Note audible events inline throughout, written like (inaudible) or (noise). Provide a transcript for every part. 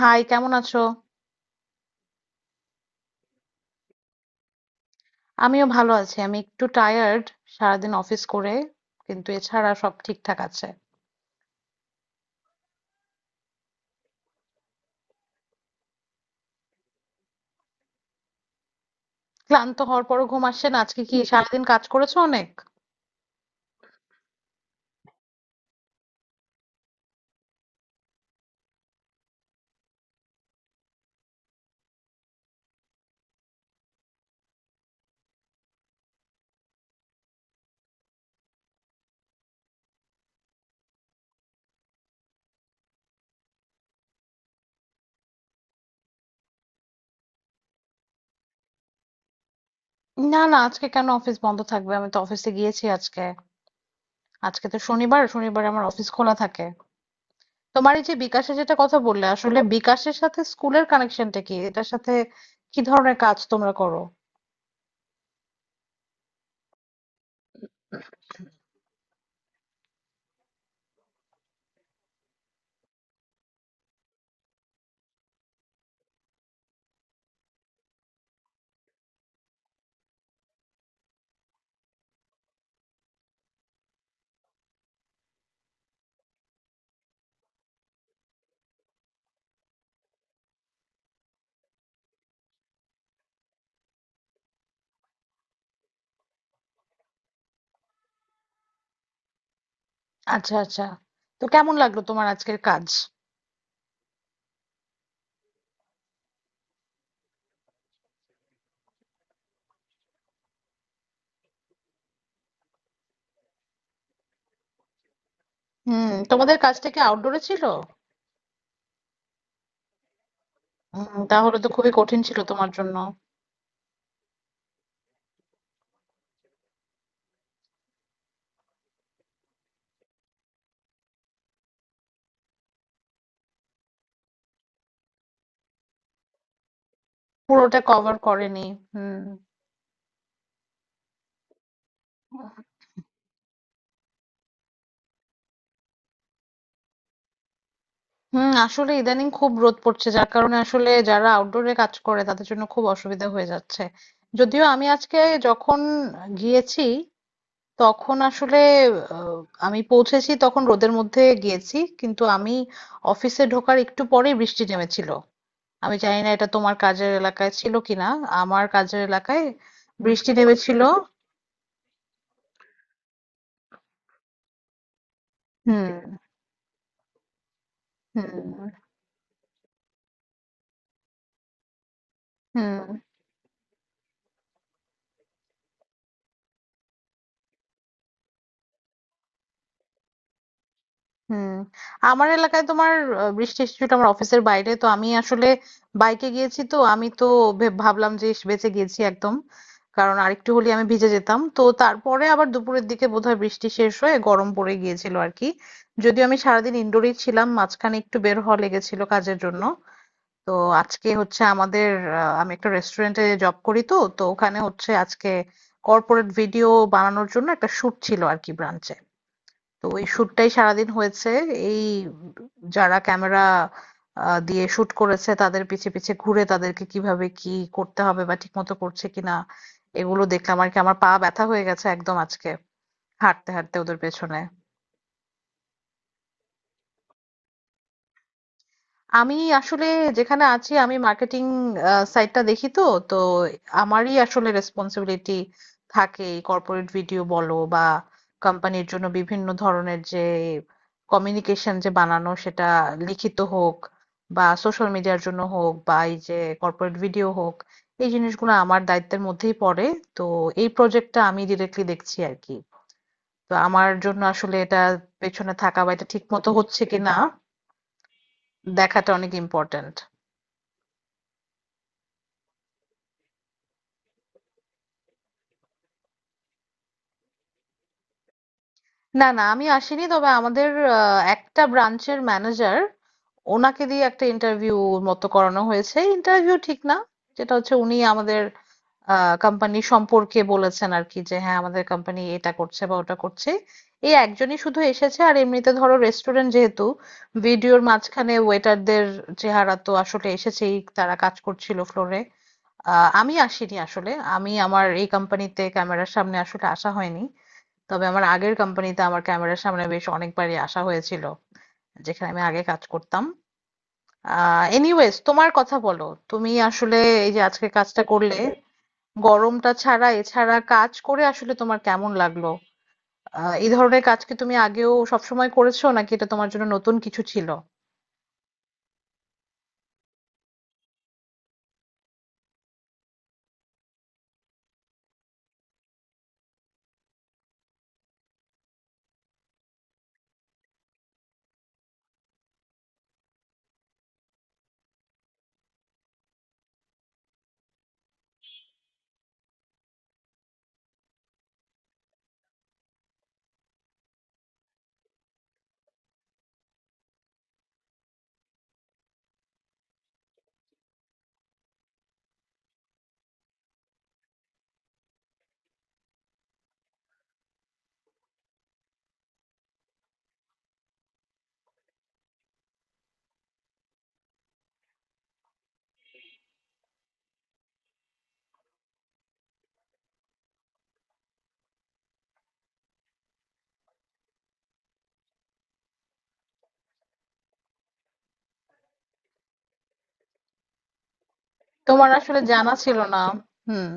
High, কেমন আছো? আমিও ভালো আছি। আমি একটু টায়ার্ড, সারাদিন অফিস করে, কিন্তু এছাড়া সব ঠিকঠাক আছে। ক্লান্ত হওয়ার পরও ঘুম আসছে না। আজকে কি সারাদিন কাজ করেছো অনেক? না, না, আজকে কেন অফিস বন্ধ থাকবে? আমি তো অফিসে গিয়েছি আজকে। আজকে তো শনিবার, শনিবার আমার অফিস খোলা থাকে। তোমার এই যে বিকাশে যেটা কথা বললে, আসলে বিকাশের সাথে স্কুলের কানেকশনটা কি? এটার সাথে কি ধরনের কাজ তোমরা করো? আচ্ছা আচ্ছা। তো কেমন লাগলো তোমার আজকের কাজ? হুম, তোমাদের কাজটা কি আউটডোরে ছিল? হুম, তাহলে তো খুবই কঠিন ছিল তোমার জন্য। পুরোটা কভার করেনি। হুম। আসলে ইদানিং খুব রোদ পড়ছে যার কারণে আসলে যারা আউটডোরে কাজ করে তাদের জন্য খুব অসুবিধা হয়ে যাচ্ছে। যদিও আমি আজকে যখন গিয়েছি তখন আসলে আহ, আমি পৌঁছেছি তখন রোদের মধ্যে গিয়েছি কিন্তু আমি অফিসে ঢোকার একটু পরেই বৃষ্টি নেমেছিল। আমি জানি না এটা তোমার কাজের এলাকায় ছিল কিনা। আমার কাজের এলাকায় বৃষ্টি নেমেছিল। হুম হুম হুম হুম আমার এলাকায় তোমার বৃষ্টি এসেছিল। আমার অফিসের বাইরে তো আমি আসলে বাইকে গিয়েছি তো আমি তো ভাবলাম যে ইস, বেঁচে গিয়েছি একদম, কারণ আরেকটু হলে আমি ভিজে যেতাম। তো তারপরে আবার দুপুরের দিকে বোধহয় বৃষ্টি শেষ হয়ে গরম পড়ে গিয়েছিল আর কি। যদিও আমি সারাদিন ইনডোরেই ছিলাম, মাঝখানে একটু বের হওয়া লেগেছিল কাজের জন্য। তো আজকে হচ্ছে আমাদের, আমি একটা রেস্টুরেন্টে জব করি তো তো ওখানে হচ্ছে আজকে কর্পোরেট ভিডিও বানানোর জন্য একটা শুট ছিল আর কি ব্রাঞ্চে। তো ওই শ্যুটটাই সারাদিন হয়েছে। এই যারা ক্যামেরা দিয়ে শুট করেছে তাদের পিছে পিছে ঘুরে তাদেরকে কিভাবে কি করতে হবে বা ঠিকমতো করছে কিনা এগুলো দেখলাম আর কি। আমার পা ব্যথা হয়ে গেছে একদম আজকে, হাঁটতে হাঁটতে ওদের পেছনে। আমি আসলে যেখানে আছি আমি মার্কেটিং সাইডটা দেখি তো, তো আমারই আসলে রেসপন্সিবিলিটি থাকে কর্পোরেট ভিডিও বলো বা কোম্পানির জন্য বিভিন্ন ধরনের যে কমিউনিকেশন যে বানানো সেটা লিখিত হোক বা সোশ্যাল মিডিয়ার জন্য হোক বা এই যে কর্পোরেট ভিডিও হোক, এই জিনিসগুলো আমার দায়িত্বের মধ্যেই পড়ে। তো এই প্রজেক্টটা আমি ডিরেক্টলি দেখছি আর কি। তো আমার জন্য আসলে এটা পেছনে থাকা বা এটা ঠিক মতো হচ্ছে কিনা দেখাটা অনেক ইম্পর্ট্যান্ট। না, না, আমি আসিনি। তবে আমাদের একটা ব্রাঞ্চের ম্যানেজার, ওনাকে দিয়ে একটা ইন্টারভিউ মতো করানো হয়েছে। ইন্টারভিউ ঠিক না, যেটা হচ্ছে উনি আমাদের কোম্পানি সম্পর্কে বলেছেন আর কি, যে হ্যাঁ আমাদের কোম্পানি এটা করছে বা ওটা করছে। এই একজনই শুধু এসেছে আর এমনিতে ধরো রেস্টুরেন্ট যেহেতু, ভিডিওর মাঝখানে ওয়েটারদের চেহারা তো আসলে এসেছেই, তারা কাজ করছিল ফ্লোরে। আমি আসিনি আসলে, আমি আমার এই কোম্পানিতে ক্যামেরার সামনে আসলে আসা হয়নি। তবে আমার আগের কোম্পানিতে আমার ক্যামেরার সামনে বেশ অনেকবারই আসা হয়েছিল, যেখানে আমি আগে কাজ করতাম। এনিওয়েজ তোমার কথা বলো, তুমি আসলে এই যে আজকে কাজটা করলে, গরমটা ছাড়া এছাড়া কাজ করে আসলে তোমার কেমন লাগলো? এই ধরনের কাজ কি তুমি আগেও সবসময় করেছো নাকি এটা তোমার জন্য নতুন কিছু ছিল? তোমার আসলে জানা ছিল না। হুম।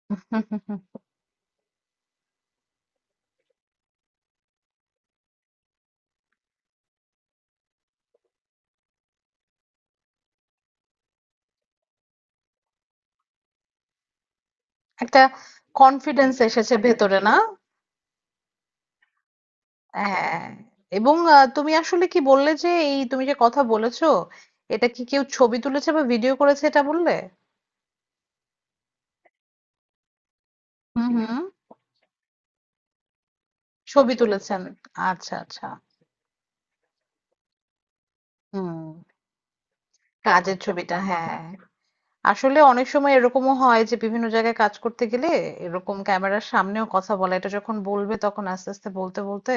(laughs) একটা কনফিডেন্স এসেছে ভেতরে না? হ্যাঁ, এবং তুমি আসলে কি বললে যে এই তুমি যে কথা বলেছো এটা কি কেউ ছবি তুলেছে বা ভিডিও করেছে, এটা বললে? হুম হুম ছবি তুলেছেন। আচ্ছা আচ্ছা। হুম, কাজের ছবিটা, হ্যাঁ। আসলে অনেক সময় এরকমও হয় যে বিভিন্ন জায়গায় কাজ করতে গেলে এরকম ক্যামেরার সামনেও কথা বলা, এটা যখন বলবে তখন আস্তে আস্তে বলতে বলতে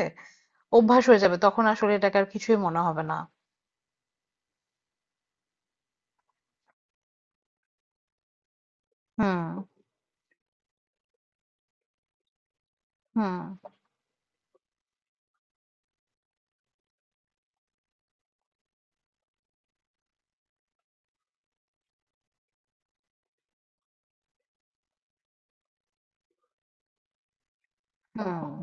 অভ্যাস হয়ে যাবে, তখন আসলে এটাকে আর কিছুই মনে হবে না। হুম হুম হুম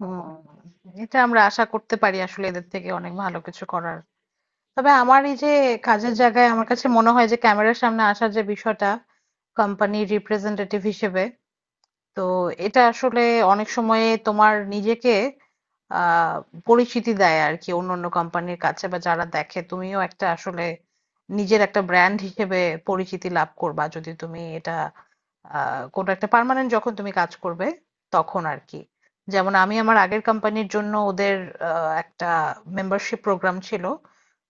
হুম এটা আমরা আশা করতে পারি আসলে এদের থেকে অনেক ভালো কিছু করার। তবে আমার এই যে কাজের জায়গায় আমার কাছে মনে হয় যে ক্যামেরার সামনে আসার যে বিষয়টা কোম্পানির রিপ্রেজেন্টেটিভ হিসেবে, তো এটা আসলে অনেক সময়ে তোমার নিজেকে আহ পরিচিতি দেয় আর কি অন্য অন্য কোম্পানির কাছে, বা যারা দেখে তুমিও একটা আসলে নিজের একটা ব্র্যান্ড হিসেবে পরিচিতি লাভ করবা যদি তুমি এটা কোনো একটা পার্মানেন্ট যখন তুমি কাজ করবে তখন আর কি। যেমন আমি আমার আগের কোম্পানির জন্য ওদের একটা মেম্বারশিপ প্রোগ্রাম ছিল।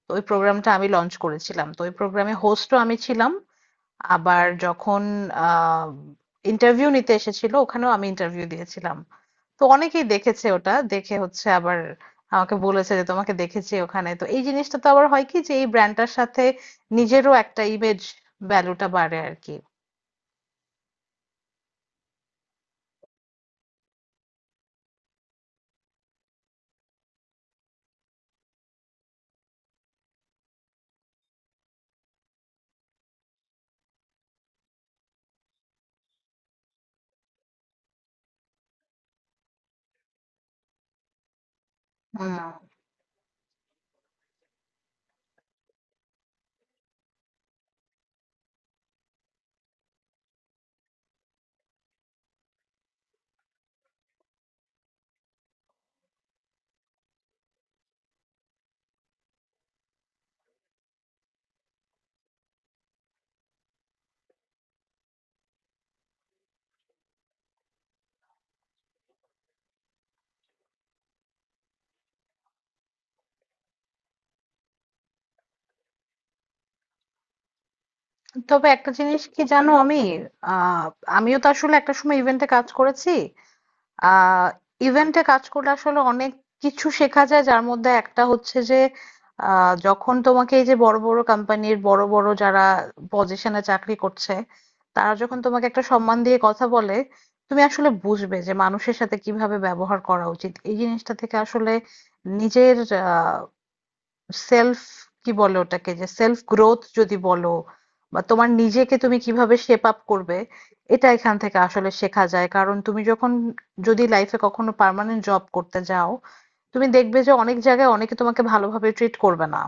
তো ওই প্রোগ্রামটা আমি লঞ্চ করেছিলাম। তো ওই প্রোগ্রামে হোস্টও আমি ছিলাম। আবার যখন আহ ইন্টারভিউ নিতে এসেছিল, ওখানেও আমি ইন্টারভিউ দিয়েছিলাম। তো অনেকেই দেখেছে ওটা। দেখে হচ্ছে আবার আমাকে বলেছে যে তোমাকে দেখেছি ওখানে। তো এই জিনিসটা তো আবার হয় কি যে এই ব্র্যান্ডটার সাথে নিজেরও একটা ইমেজ ভ্যালুটা বাড়ে আরকি। হুম, তবে একটা জিনিস কি জানো আমি আহ আমিও তো আসলে একটা সময় ইভেন্টে কাজ করেছি। আহ ইভেন্টে কাজ করলে আসলে অনেক কিছু শেখা যায়, যার মধ্যে একটা হচ্ছে যে যখন তোমাকে এই যে বড় বড় কোম্পানির বড় বড় যারা পজিশনে চাকরি করছে, তারা যখন তোমাকে একটা সম্মান দিয়ে কথা বলে, তুমি আসলে বুঝবে যে মানুষের সাথে কিভাবে ব্যবহার করা উচিত। এই জিনিসটা থেকে আসলে নিজের সেলফ, কি বলে ওটাকে, যে সেলফ গ্রোথ যদি বলো বা তোমার নিজেকে তুমি কিভাবে শেপ আপ করবে, এটা এখান থেকে আসলে শেখা যায়। কারণ তুমি যখন, যদি লাইফে কখনো পার্মানেন্ট জব করতে যাও, তুমি দেখবে যে অনেক জায়গায় অনেকে তোমাকে ভালোভাবে ট্রিট করবে না।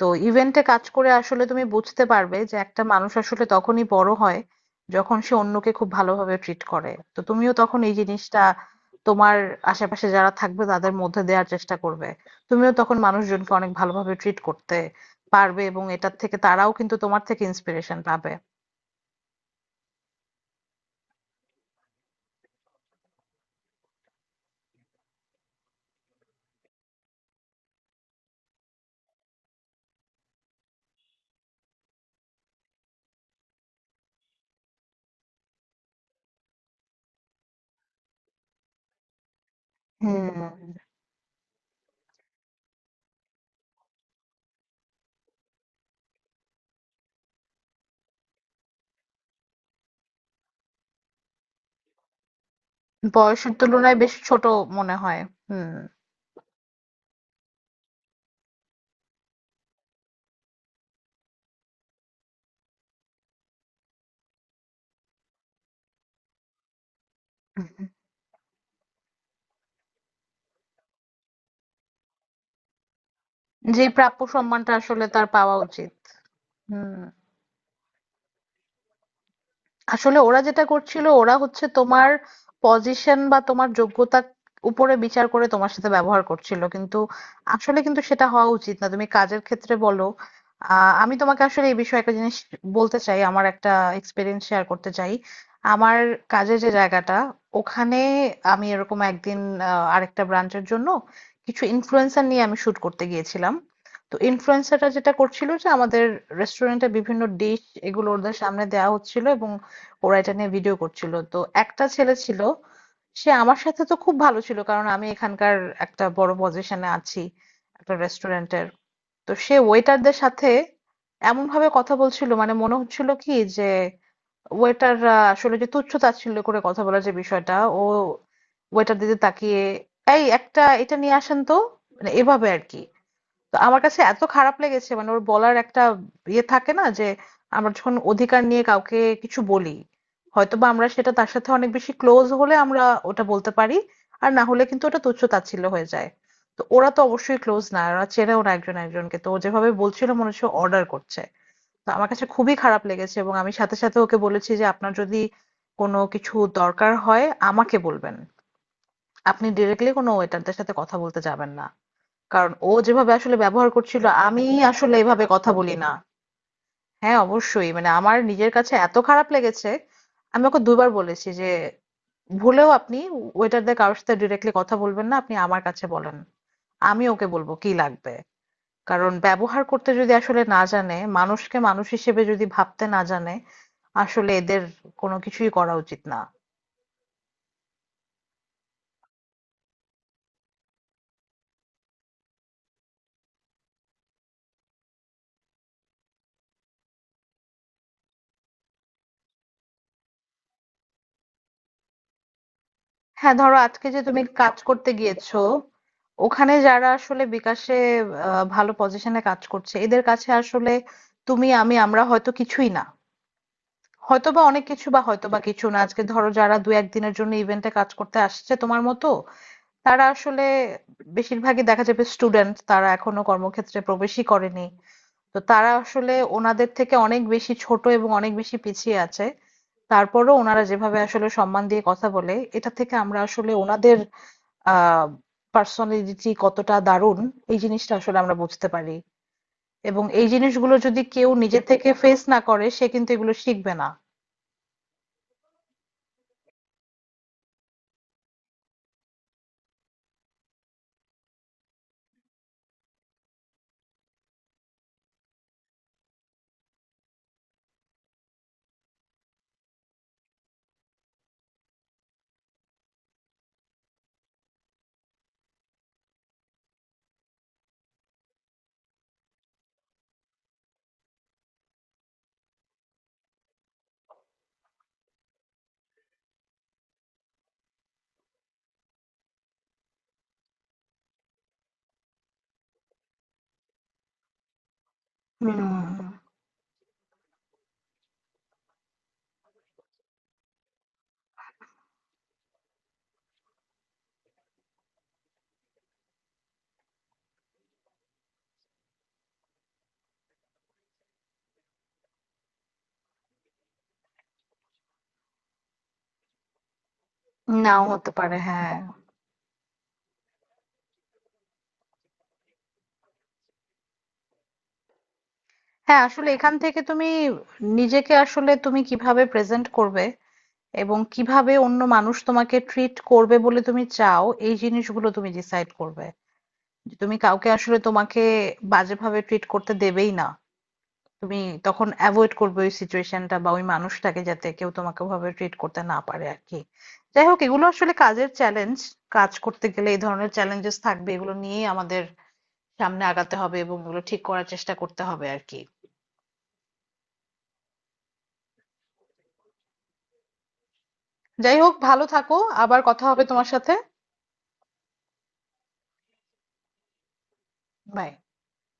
তো ইভেন্টে কাজ করে আসলে তুমি বুঝতে পারবে যে একটা মানুষ আসলে তখনই বড় হয় যখন সে অন্যকে খুব ভালোভাবে ট্রিট করে। তো তুমিও তখন এই জিনিসটা তোমার আশেপাশে যারা থাকবে তাদের মধ্যে দেওয়ার চেষ্টা করবে, তুমিও তখন মানুষজনকে অনেক ভালোভাবে ট্রিট করতে পারবে, এবং এটার থেকে তারাও কিন্তু তোমার থেকে ইন্সপিরেশন পাবে। হুম, বয়সের তুলনায় বেশ ছোট মনে হয়। হুম, যে প্রাপ্য সম্মানটা আসলে তার পাওয়া উচিত। হুম, আসলে ওরা যেটা করছিল, ওরা হচ্ছে তোমার পজিশন বা তোমার যোগ্যতার উপরে বিচার করে তোমার সাথে ব্যবহার করছিল, কিন্তু আসলে কিন্তু সেটা হওয়া উচিত না। তুমি কাজের ক্ষেত্রে বলো, আমি তোমাকে আসলে এই বিষয়ে একটা জিনিস বলতে চাই, আমার একটা এক্সপিরিয়েন্স শেয়ার করতে চাই। আমার কাজের যে জায়গাটা, ওখানে আমি এরকম একদিন, আরেকটা ব্রাঞ্চের জন্য কিছু ইনফ্লুয়েন্সার নিয়ে আমি শুট করতে গিয়েছিলাম। তো ইনফ্লুয়েন্সাররা যেটা করছিল যে আমাদের রেস্টুরেন্টে বিভিন্ন ডিশ এগুলো ওদের সামনে দেওয়া হচ্ছিল এবং ওরা এটা নিয়ে ভিডিও করছিল। তো একটা ছেলে ছিল, সে আমার সাথে তো খুব ভালো ছিল কারণ আমি এখানকার একটা বড় পজিশনে আছি, একটা রেস্টুরেন্টের। তো সে ওয়েটারদের সাথে এমন ভাবে কথা বলছিল মানে মনে হচ্ছিল কি যে, ওয়েটাররা আসলে যে তুচ্ছ-তাচ্ছিল্য করে কথা বলার যে বিষয়টা, ও ওয়েটারদের দিকে তাকিয়ে, এই একটা এটা নিয়ে আসেন তো, মানে এভাবে আর কি। তো আমার কাছে এত খারাপ লেগেছে, মানে ওর বলার একটা ইয়ে থাকে না যে, আমরা যখন অধিকার নিয়ে কাউকে কিছু বলি, হয়তোবা আমরা সেটা তার সাথে অনেক বেশি ক্লোজ হলে আমরা ওটা বলতে পারি, আর না হলে কিন্তু ওটা তুচ্ছ তাচ্ছিল্য হয়ে যায়। তো ওরা তো অবশ্যই ক্লোজ না, ওরা চেনেও না একজন একজনকে, তো ও যেভাবে বলছিল মনে হচ্ছে অর্ডার করছে। তো আমার কাছে খুবই খারাপ লেগেছে, এবং আমি সাথে সাথে ওকে বলেছি যে আপনার যদি কোনো কিছু দরকার হয় আমাকে বলবেন, আপনি ডিরেক্টলি কোনো ওয়েটারদের সাথে কথা বলতে যাবেন না, কারণ ও যেভাবে আসলে ব্যবহার করছিল, আমি আসলে এভাবে কথা বলি না। হ্যাঁ অবশ্যই, মানে আমার নিজের কাছে এত খারাপ লেগেছে। আমি ওকে দুবার বলেছি যে ভুলেও আপনি ওয়েটারদের কারোর সাথে ডিরেক্টলি কথা বলবেন না, আপনি আমার কাছে বলেন, আমি ওকে বলবো কি লাগবে। কারণ ব্যবহার করতে যদি আসলে না জানে, মানুষকে মানুষ হিসেবে যদি ভাবতে না জানে, আসলে এদের কোনো কিছুই করা উচিত না। হ্যাঁ, ধরো আজকে যে তুমি কাজ করতে গিয়েছো, ওখানে যারা আসলে বিকাশে ভালো পজিশনে কাজ করছে, এদের কাছে আসলে তুমি আমি আমরা হয়তো কিছুই না, হয়তোবা অনেক কিছু বা হয়তোবা কিছু না। আজকে ধরো যারা দু একদিনের জন্য ইভেন্টে কাজ করতে আসছে তোমার মতো, তারা আসলে বেশিরভাগই দেখা যাবে স্টুডেন্ট, তারা এখনো কর্মক্ষেত্রে প্রবেশই করেনি। তো তারা আসলে ওনাদের থেকে অনেক বেশি ছোট এবং অনেক বেশি পিছিয়ে আছে। তারপরেও ওনারা যেভাবে আসলে সম্মান দিয়ে কথা বলে, এটা থেকে আমরা আসলে ওনাদের আহ পার্সোনালিটি কতটা দারুণ এই জিনিসটা আসলে আমরা বুঝতে পারি, এবং এই জিনিসগুলো যদি কেউ নিজে থেকে ফেস না করে সে কিন্তু এগুলো শিখবে না। হুম, নাও হতে পারে, হ্যাঁ। হ্যাঁ আসলে এখান থেকে তুমি নিজেকে আসলে তুমি কিভাবে প্রেজেন্ট করবে এবং কিভাবে অন্য মানুষ তোমাকে ট্রিট করবে বলে তুমি চাও, এই জিনিসগুলো তুমি ডিসাইড করবে, যে তুমি কাউকে আসলে তোমাকে বাজেভাবে ট্রিট করতে দেবেই না। তুমি তখন অ্যাভয়েড করবে ওই সিচুয়েশনটা বা ওই মানুষটাকে যাতে কেউ তোমাকে ওভাবে ট্রিট করতে না পারে আর কি। যাই হোক, এগুলো আসলে কাজের চ্যালেঞ্জ, কাজ করতে গেলে এই ধরনের চ্যালেঞ্জেস থাকবে, এগুলো নিয়েই আমাদের সামনে আগাতে হবে এবং এগুলো ঠিক করার চেষ্টা করতে হবে আর কি। যাই হোক, ভালো থাকো, আবার কথা হবে তোমার সাথে। বাই।